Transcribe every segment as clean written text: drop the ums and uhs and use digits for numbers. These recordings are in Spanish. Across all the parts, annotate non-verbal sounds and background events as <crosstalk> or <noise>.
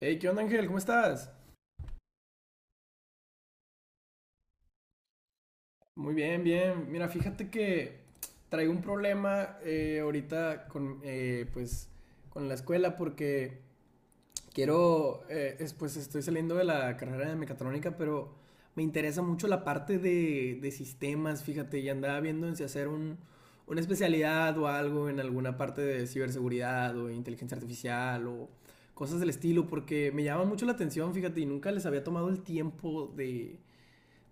Hey, ¿qué onda, Ángel? ¿Cómo estás? Muy bien, bien. Mira, fíjate que traigo un problema ahorita con la escuela porque quiero, pues estoy saliendo de la carrera de mecatrónica, pero me interesa mucho la parte de sistemas, fíjate, y andaba viendo en si hacer una especialidad o algo en alguna parte de ciberseguridad o inteligencia artificial o cosas del estilo, porque me llama mucho la atención, fíjate, y nunca les había tomado el tiempo de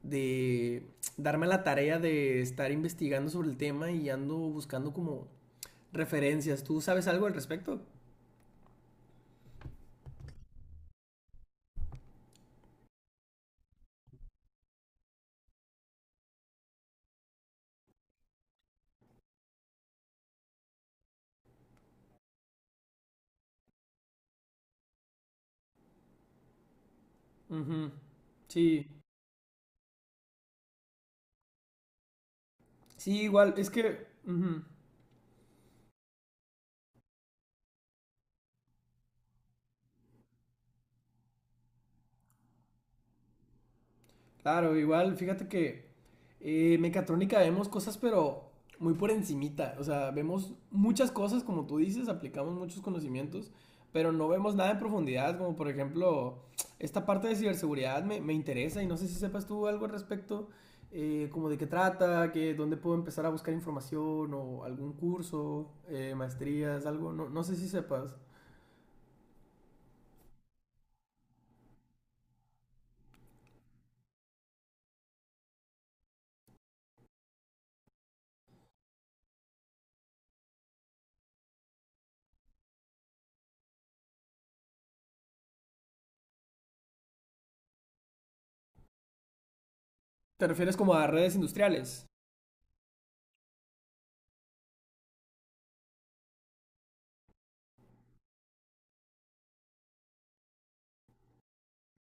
de darme la tarea de estar investigando sobre el tema y ando buscando como referencias. ¿Tú sabes algo al respecto? Ujú. Sí. Sí, igual, es que ujú. Claro, igual, fíjate que mecatrónica vemos cosas, pero muy por encimita. O sea, vemos muchas cosas, como tú dices, aplicamos muchos conocimientos, pero no vemos nada en profundidad, como por ejemplo, esta parte de ciberseguridad me interesa y no sé si sepas tú algo al respecto, como de qué trata, que dónde puedo empezar a buscar información o algún curso, maestrías, algo, no, no sé si sepas. ¿Te refieres como a redes industriales?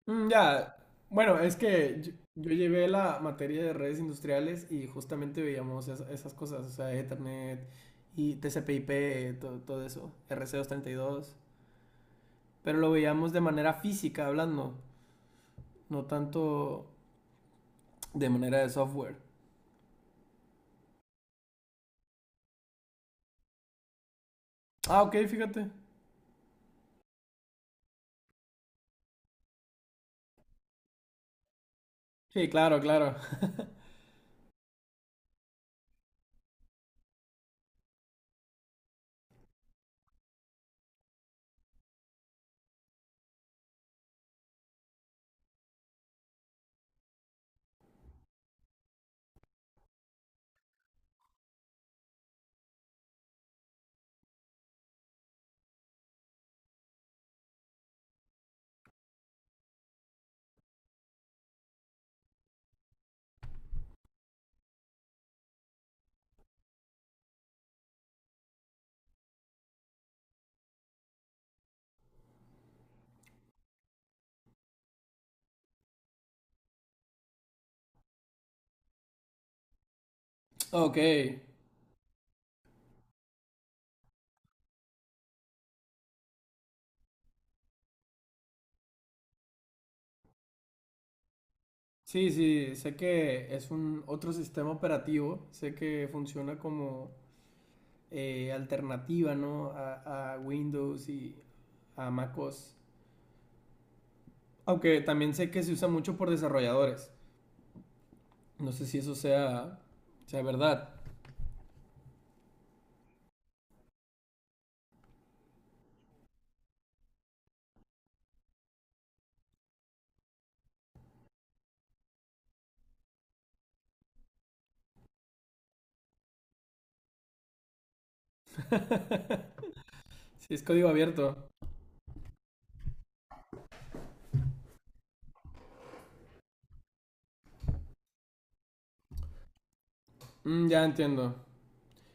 Mm, ya, bueno, es que yo, llevé la materia de redes industriales y justamente veíamos esas cosas, o sea, Ethernet y TCP/IP, todo, eso, RC232, pero lo veíamos de manera física hablando, no tanto de manera de software. Ah, ok, fíjate. Sí, claro, claro. <laughs> Ok, sí, sí, sé que es un otro sistema operativo, sé que funciona como alternativa, ¿no? A Windows y, a MacOS. Aunque también sé que se usa mucho por desarrolladores. No sé si eso sea, verdad. <laughs> Si es código abierto. Mm, ya entiendo.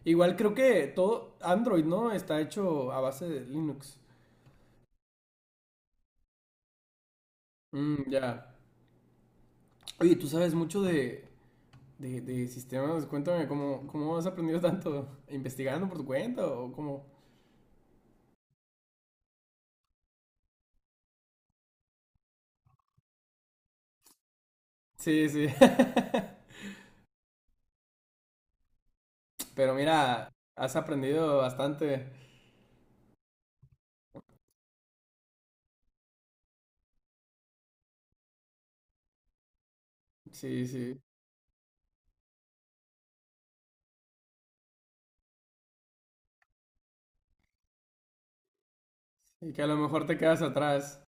Igual creo que todo Android, ¿no? Está hecho a base de Linux. Mm, ya. Oye, tú sabes mucho de, de sistemas. Cuéntame, ¿cómo, has aprendido tanto? ¿Investigando por tu cuenta o cómo? Sí, sí. <laughs> Pero mira, has aprendido bastante. Sí, sí. Y que a lo mejor te quedas atrás.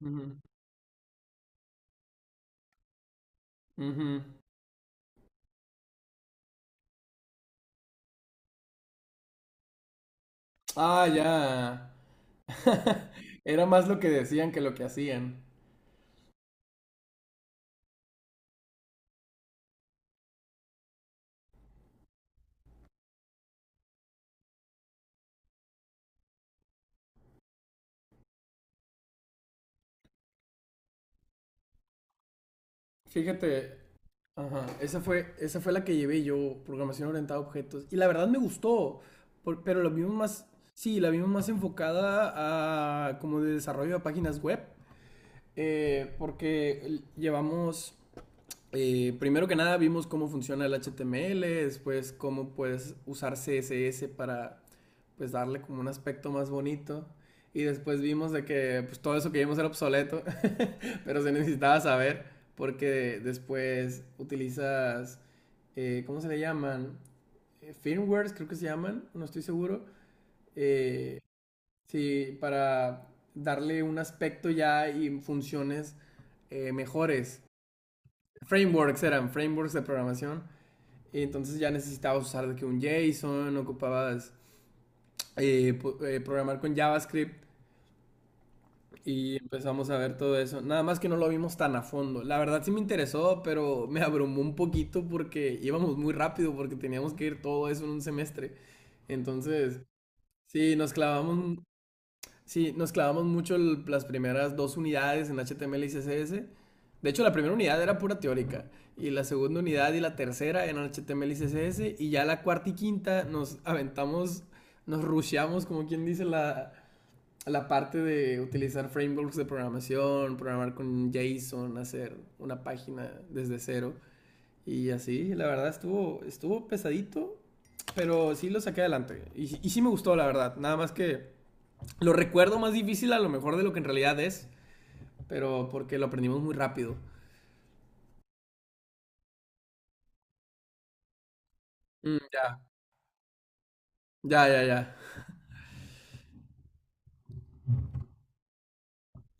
Ujú, ujú. Ah, ya. <laughs> Era más lo que decían que lo que hacían. Fíjate, ajá, esa fue la que llevé yo, programación orientada a objetos. Y la verdad me gustó, pero la vimos más, sí, la vimos más enfocada a como de desarrollo de páginas web, porque llevamos primero que nada vimos cómo funciona el HTML, después cómo puedes usar CSS para pues darle como un aspecto más bonito y después vimos de que pues, todo eso que vimos era obsoleto, <laughs> pero se necesitaba saber porque después utilizas, ¿cómo se le llaman? Firmwares creo que se llaman, no estoy seguro. Eh, sí, para darle un aspecto ya y funciones mejores. Frameworks eran, frameworks de programación y entonces ya necesitabas usar de que un JSON, ocupabas eh, programar con JavaScript y empezamos a ver todo eso. Nada más que no lo vimos tan a fondo. La verdad sí me interesó, pero me abrumó un poquito porque íbamos muy rápido porque teníamos que ir todo eso en un semestre. Entonces, sí, nos clavamos sí, nos clavamos mucho las primeras dos unidades en HTML y CSS. De hecho, la primera unidad era pura teórica y la segunda unidad y la tercera eran HTML y CSS y ya la cuarta y quinta nos aventamos, nos rusheamos, como quien dice, la, parte de utilizar frameworks de programación, programar con JSON, hacer una página desde cero y así. La verdad estuvo, pesadito, pero sí lo saqué adelante y, sí me gustó, la verdad. Nada más que. Lo recuerdo más difícil a lo mejor de lo que en realidad es, pero porque lo aprendimos muy rápido. Mm, ya, ya, ya, ya.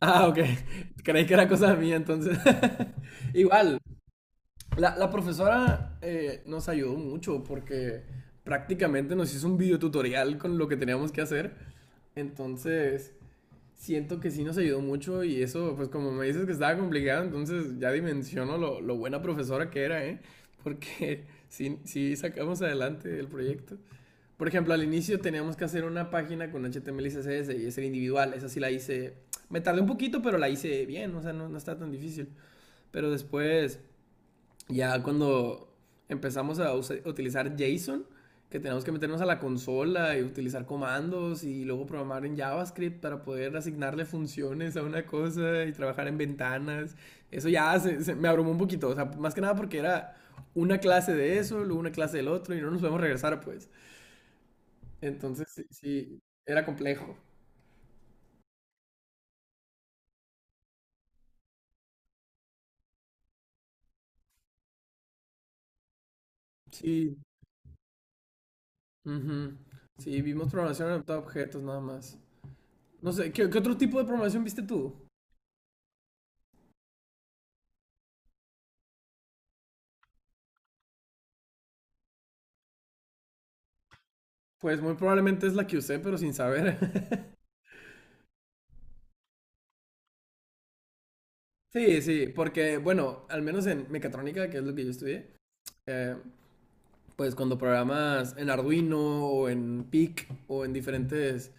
Ah, ok. <laughs> Creí que era cosa mía entonces. <laughs> Igual, la, profesora nos ayudó mucho porque prácticamente nos hizo un videotutorial con lo que teníamos que hacer. Entonces, siento que sí nos ayudó mucho y eso, pues como me dices que estaba complicado, entonces ya dimensiono lo, buena profesora que era, ¿eh? <laughs> Porque sí, sí sacamos adelante el proyecto. Por ejemplo, al inicio teníamos que hacer una página con HTML y CSS y ser individual. Esa sí la hice. Me tardé un poquito, pero la hice bien. O sea, no, no está tan difícil. Pero después, ya cuando empezamos a utilizar JSON, que tenemos que meternos a la consola y utilizar comandos y luego programar en JavaScript para poder asignarle funciones a una cosa y trabajar en ventanas. Eso ya me abrumó un poquito, o sea, más que nada porque era una clase de eso, luego una clase del otro y no nos podemos regresar, pues. Entonces, sí, sí, era complejo. Sí, ujú. Sí, vimos programación adaptada a objetos nada más. No sé, ¿qué otro tipo de programación viste tú? Pues muy probablemente es la que usé, pero sin saber. <laughs> Sí, sí, porque, bueno, al menos en mecatrónica, que es lo que yo estudié, eh, pues cuando programas en Arduino o en PIC o en diferentes,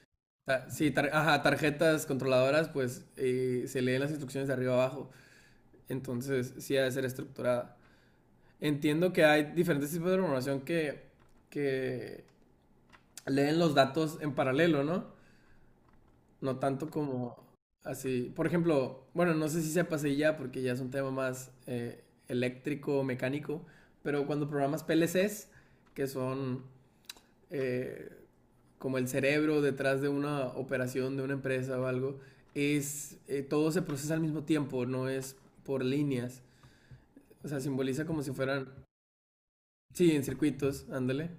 sí, ajá, tarjetas controladoras, pues se leen las instrucciones de arriba abajo. Entonces, sí ha de ser estructurada. Entiendo que hay diferentes tipos de programación que leen los datos en paralelo, ¿no? No tanto como así. Por ejemplo, bueno, no sé si se pase ya porque ya es un tema más eléctrico, mecánico, pero cuando programas PLCs, que son eh, como el cerebro detrás de una operación de una empresa o algo, es todo se procesa al mismo tiempo, no es por líneas. O sea, simboliza como si fueran, sí, en circuitos, ándale.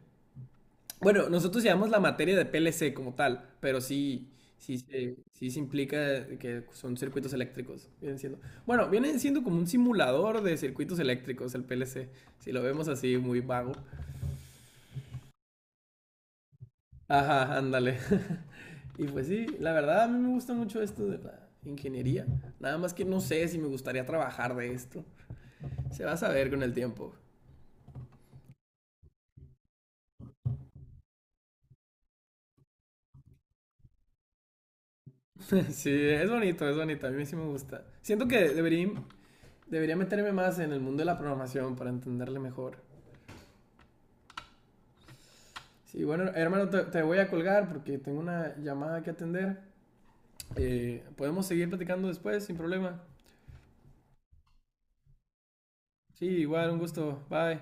Bueno, nosotros llevamos la materia de PLC como tal, pero sí, sí, se implica que son circuitos eléctricos, vienen siendo. Bueno, vienen siendo como un simulador de circuitos eléctricos el PLC, si lo vemos así muy vago. Ajá, ándale. <laughs> Y pues sí, la verdad a mí me gusta mucho esto de la ingeniería. Nada más que no sé si me gustaría trabajar de esto. Se va a saber con el tiempo. <laughs> Sí, es bonito, a mí sí me gusta. Siento que debería, meterme más en el mundo de la programación para entenderle mejor. Sí, bueno, hermano, te, voy a colgar porque tengo una llamada que atender. Podemos seguir platicando después, sin problema. Sí, igual, un gusto. Bye.